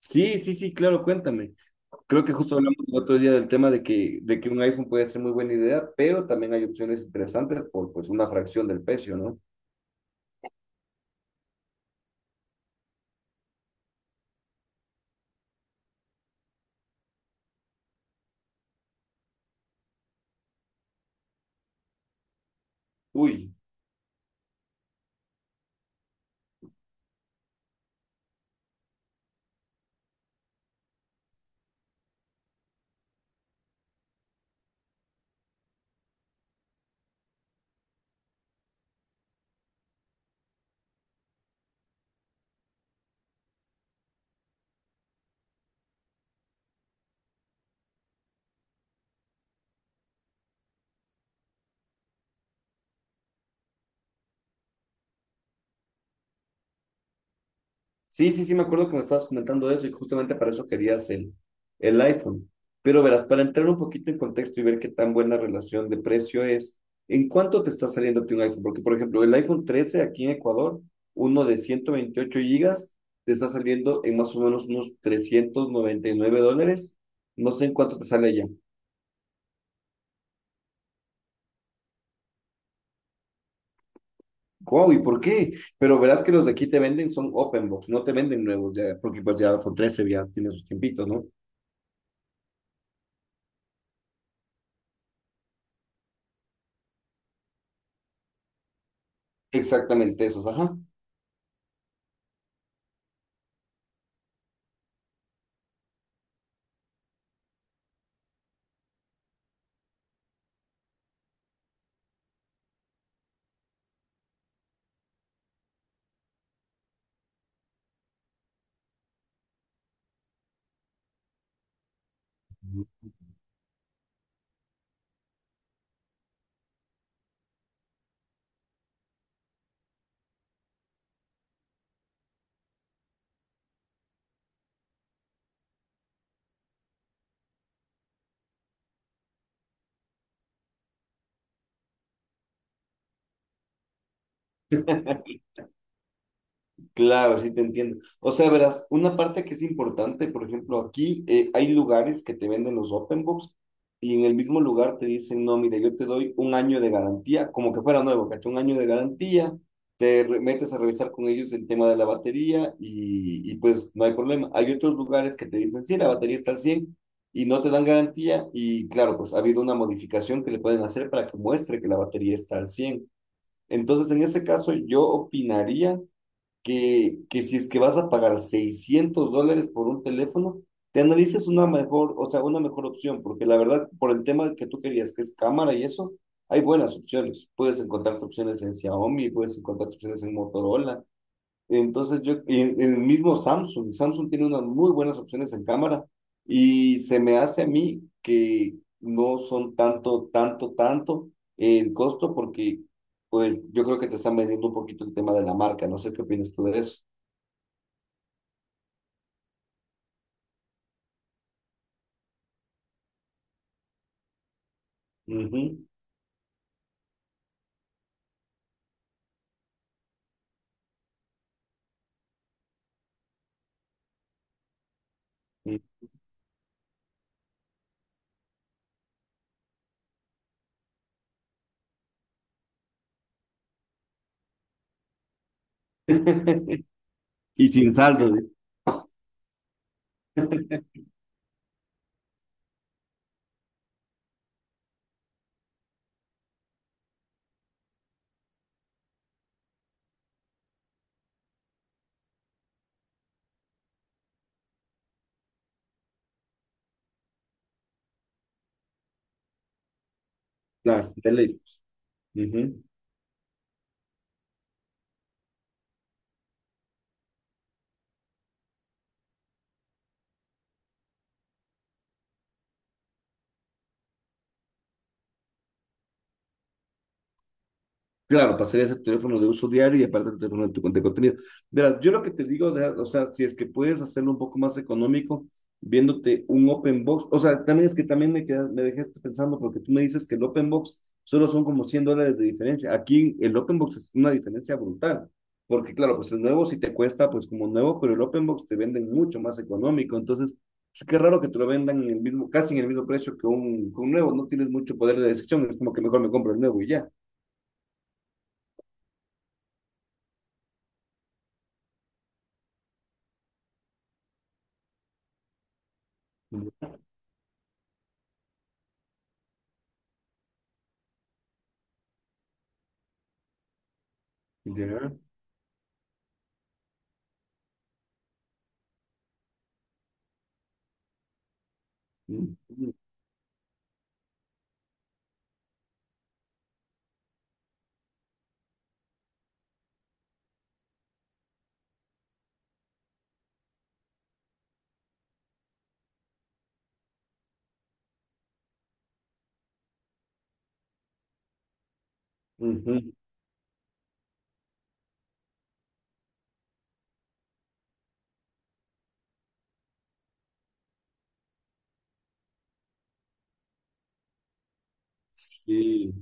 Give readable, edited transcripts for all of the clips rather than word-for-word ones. Sí, sí, sí, claro, cuéntame. Creo que justo hablamos el otro día del tema de que un iPhone puede ser muy buena idea, pero también hay opciones interesantes por pues una fracción del precio, ¿no? Uy. Sí, sí, sí, me acuerdo que me estabas comentando eso y justamente para eso querías el iPhone. Pero verás, para entrar un poquito en contexto y ver qué tan buena relación de precio es, ¿en cuánto te está saliendo a ti un iPhone? Porque, por ejemplo, el iPhone 13 aquí en Ecuador, uno de 128 gigas, te está saliendo en más o menos unos $399. No sé en cuánto te sale allá. ¡Wow! ¿Y por qué? Pero verás que los de aquí te venden son open box, no te venden nuevos ya, porque pues ya iPhone 13 ya tiene sus tiempitos, ¿no? Exactamente esos, ajá. Claro, sí te entiendo. O sea, verás, una parte que es importante, por ejemplo, aquí hay lugares que te venden los open books y en el mismo lugar te dicen, no, mire, yo te doy un año de garantía, como que fuera nuevo, ¿cachai? Un año de garantía, metes a revisar con ellos el tema de la batería y pues no hay problema. Hay otros lugares que te dicen, sí, la batería está al 100 y no te dan garantía y claro, pues ha habido una modificación que le pueden hacer para que muestre que la batería está al cien. Entonces, en ese caso, yo opinaría que si es que vas a pagar $600 por un teléfono, te analices una mejor, o sea, una mejor opción, porque la verdad, por el tema que tú querías, que es cámara y eso, hay buenas opciones. Puedes encontrar opciones en Xiaomi, puedes encontrar opciones en Motorola, entonces yo, y el mismo Samsung, Samsung tiene unas muy buenas opciones en cámara y se me hace a mí que no son tanto, tanto, tanto el costo porque pues yo creo que te están vendiendo un poquito el tema de la marca, no sé qué opinas tú de eso. Ujú. Y sin saldo, ¿eh? Claro, de ley. Claro, pasarías a teléfono de uso diario y aparte el teléfono de tu de contenido. Verás, yo lo que te digo, o sea, si es que puedes hacerlo un poco más económico, viéndote un open box, o sea, también es que también me quedas, me dejaste pensando porque tú me dices que el open box solo son como $100 de diferencia. Aquí el open box es una diferencia brutal, porque claro, pues el nuevo sí te cuesta pues como nuevo, pero el open box te venden mucho más económico, entonces es que raro que te lo vendan en el mismo, casi en el mismo precio que un nuevo, no tienes mucho poder de decisión, es como que mejor me compro el nuevo y ya. Ya. Ujú. Ujú. Sí.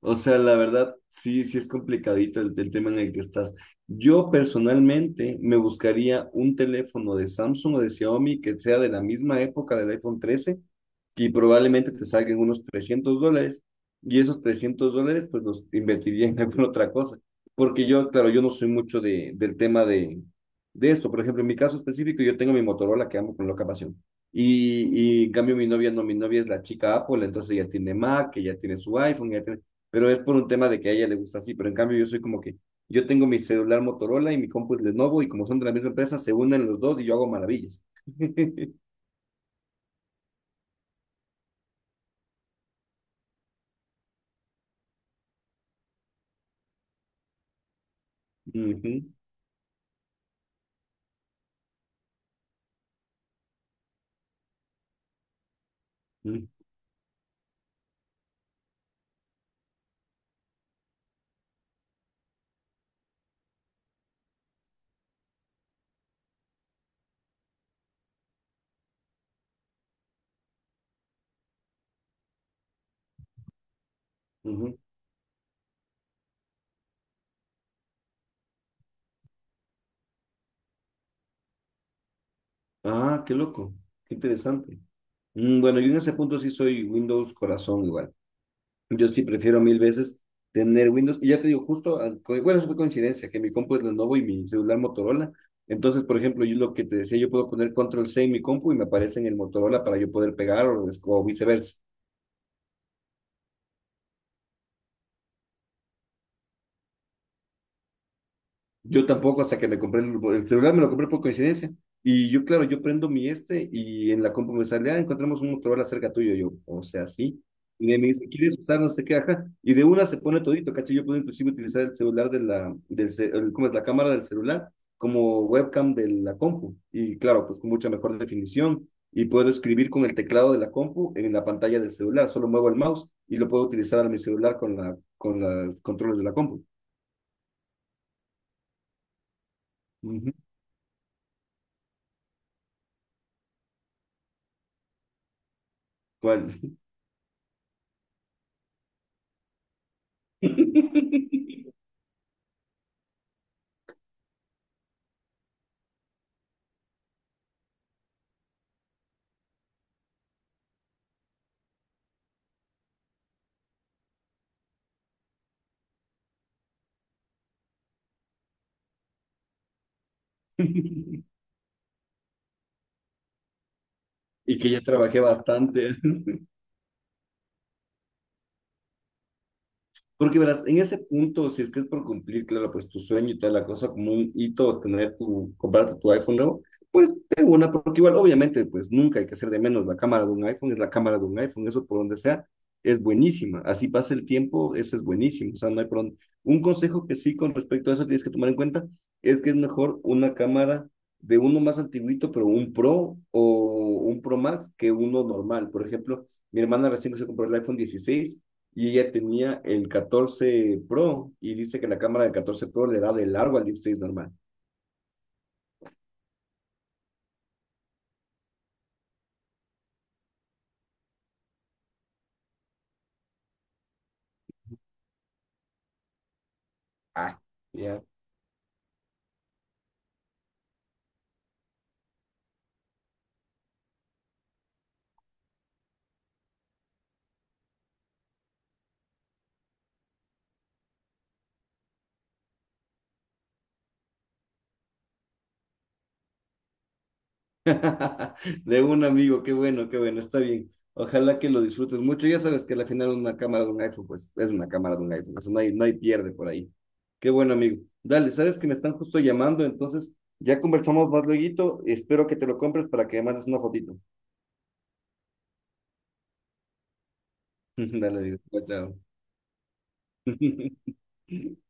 O sea, la verdad, sí, sí es complicadito el tema en el que estás. Yo personalmente me buscaría un teléfono de Samsung o de Xiaomi que sea de la misma época del iPhone 13 y probablemente te salgan unos $300 y esos $300 pues los invertiría en alguna otra cosa. Porque yo, claro, yo no soy mucho del tema de esto. Por ejemplo, en mi caso específico, yo tengo mi Motorola que amo con loca pasión. Y en cambio mi novia no, mi novia es la chica Apple, entonces ella tiene Mac, ella tiene su iPhone, ella tiene, pero es por un tema de que a ella le gusta así, pero en cambio yo soy como que yo tengo mi celular Motorola y mi compu es Lenovo y como son de la misma empresa se unen los dos y yo hago maravillas. Ujú, ujú, ujú. Ah, qué loco, qué interesante. Mm. Bueno, yo en ese punto sí soy Windows corazón igual. Yo sí prefiero mil veces tener Windows. Y ya te digo, justo, bueno, eso fue coincidencia, que mi compu es Lenovo y mi celular Motorola. Entonces, por ejemplo, yo lo que te decía, yo puedo poner Control C en mi compu y me aparece en el Motorola para yo poder pegar o viceversa. Yo tampoco, hasta que me compré el celular, me lo compré por coincidencia. Y yo, claro, yo prendo mi este y en la compu me sale, ah, encontramos un Motorola cerca tuyo. Yo, o sea, sí. Y de ahí me dice, ¿quieres usar? No sé qué, ajá. Y de una se pone todito, ¿cachai? Yo puedo inclusive utilizar el celular de la, del, ce- el- ¿cómo es? La cámara del celular como webcam de la compu. Y claro, pues con mucha mejor definición. Y puedo escribir con el teclado de la compu en la pantalla del celular. Solo muevo el mouse y lo puedo utilizar en mi celular con la, con los controles de la compu. Ujú. ¿Cuál? y que ya trabajé bastante. Porque verás, en ese punto, si es que es por cumplir, claro, pues tu sueño y toda la cosa, como un hito, tener tu, comprarte tu iPhone nuevo, pues de una, porque igual, obviamente, pues nunca hay que hacer de menos la cámara de un iPhone, es la cámara de un iPhone, eso por donde sea, es buenísima. Así pasa el tiempo, eso es buenísimo. O sea, no hay por dónde. Un consejo que sí con respecto a eso tienes que tomar en cuenta es que es mejor una cámara de uno más antiguito, pero un Pro o un Pro Max que uno normal. Por ejemplo, mi hermana recién que se compró el iPhone 16 y ella tenía el 14 Pro y dice que la cámara del 14 Pro le da de largo al 16 normal. Ah, ya. Yeah. De un amigo, qué bueno, está bien. Ojalá que lo disfrutes mucho. Ya sabes que al final una cámara de un iPhone, pues es una cámara de un iPhone, eso no hay pierde por ahí. Qué bueno, amigo. Dale, sabes que me están justo llamando, entonces ya conversamos más luego. Espero que te lo compres para que me mandes una fotito. Dale, amigo. Chao. Chao.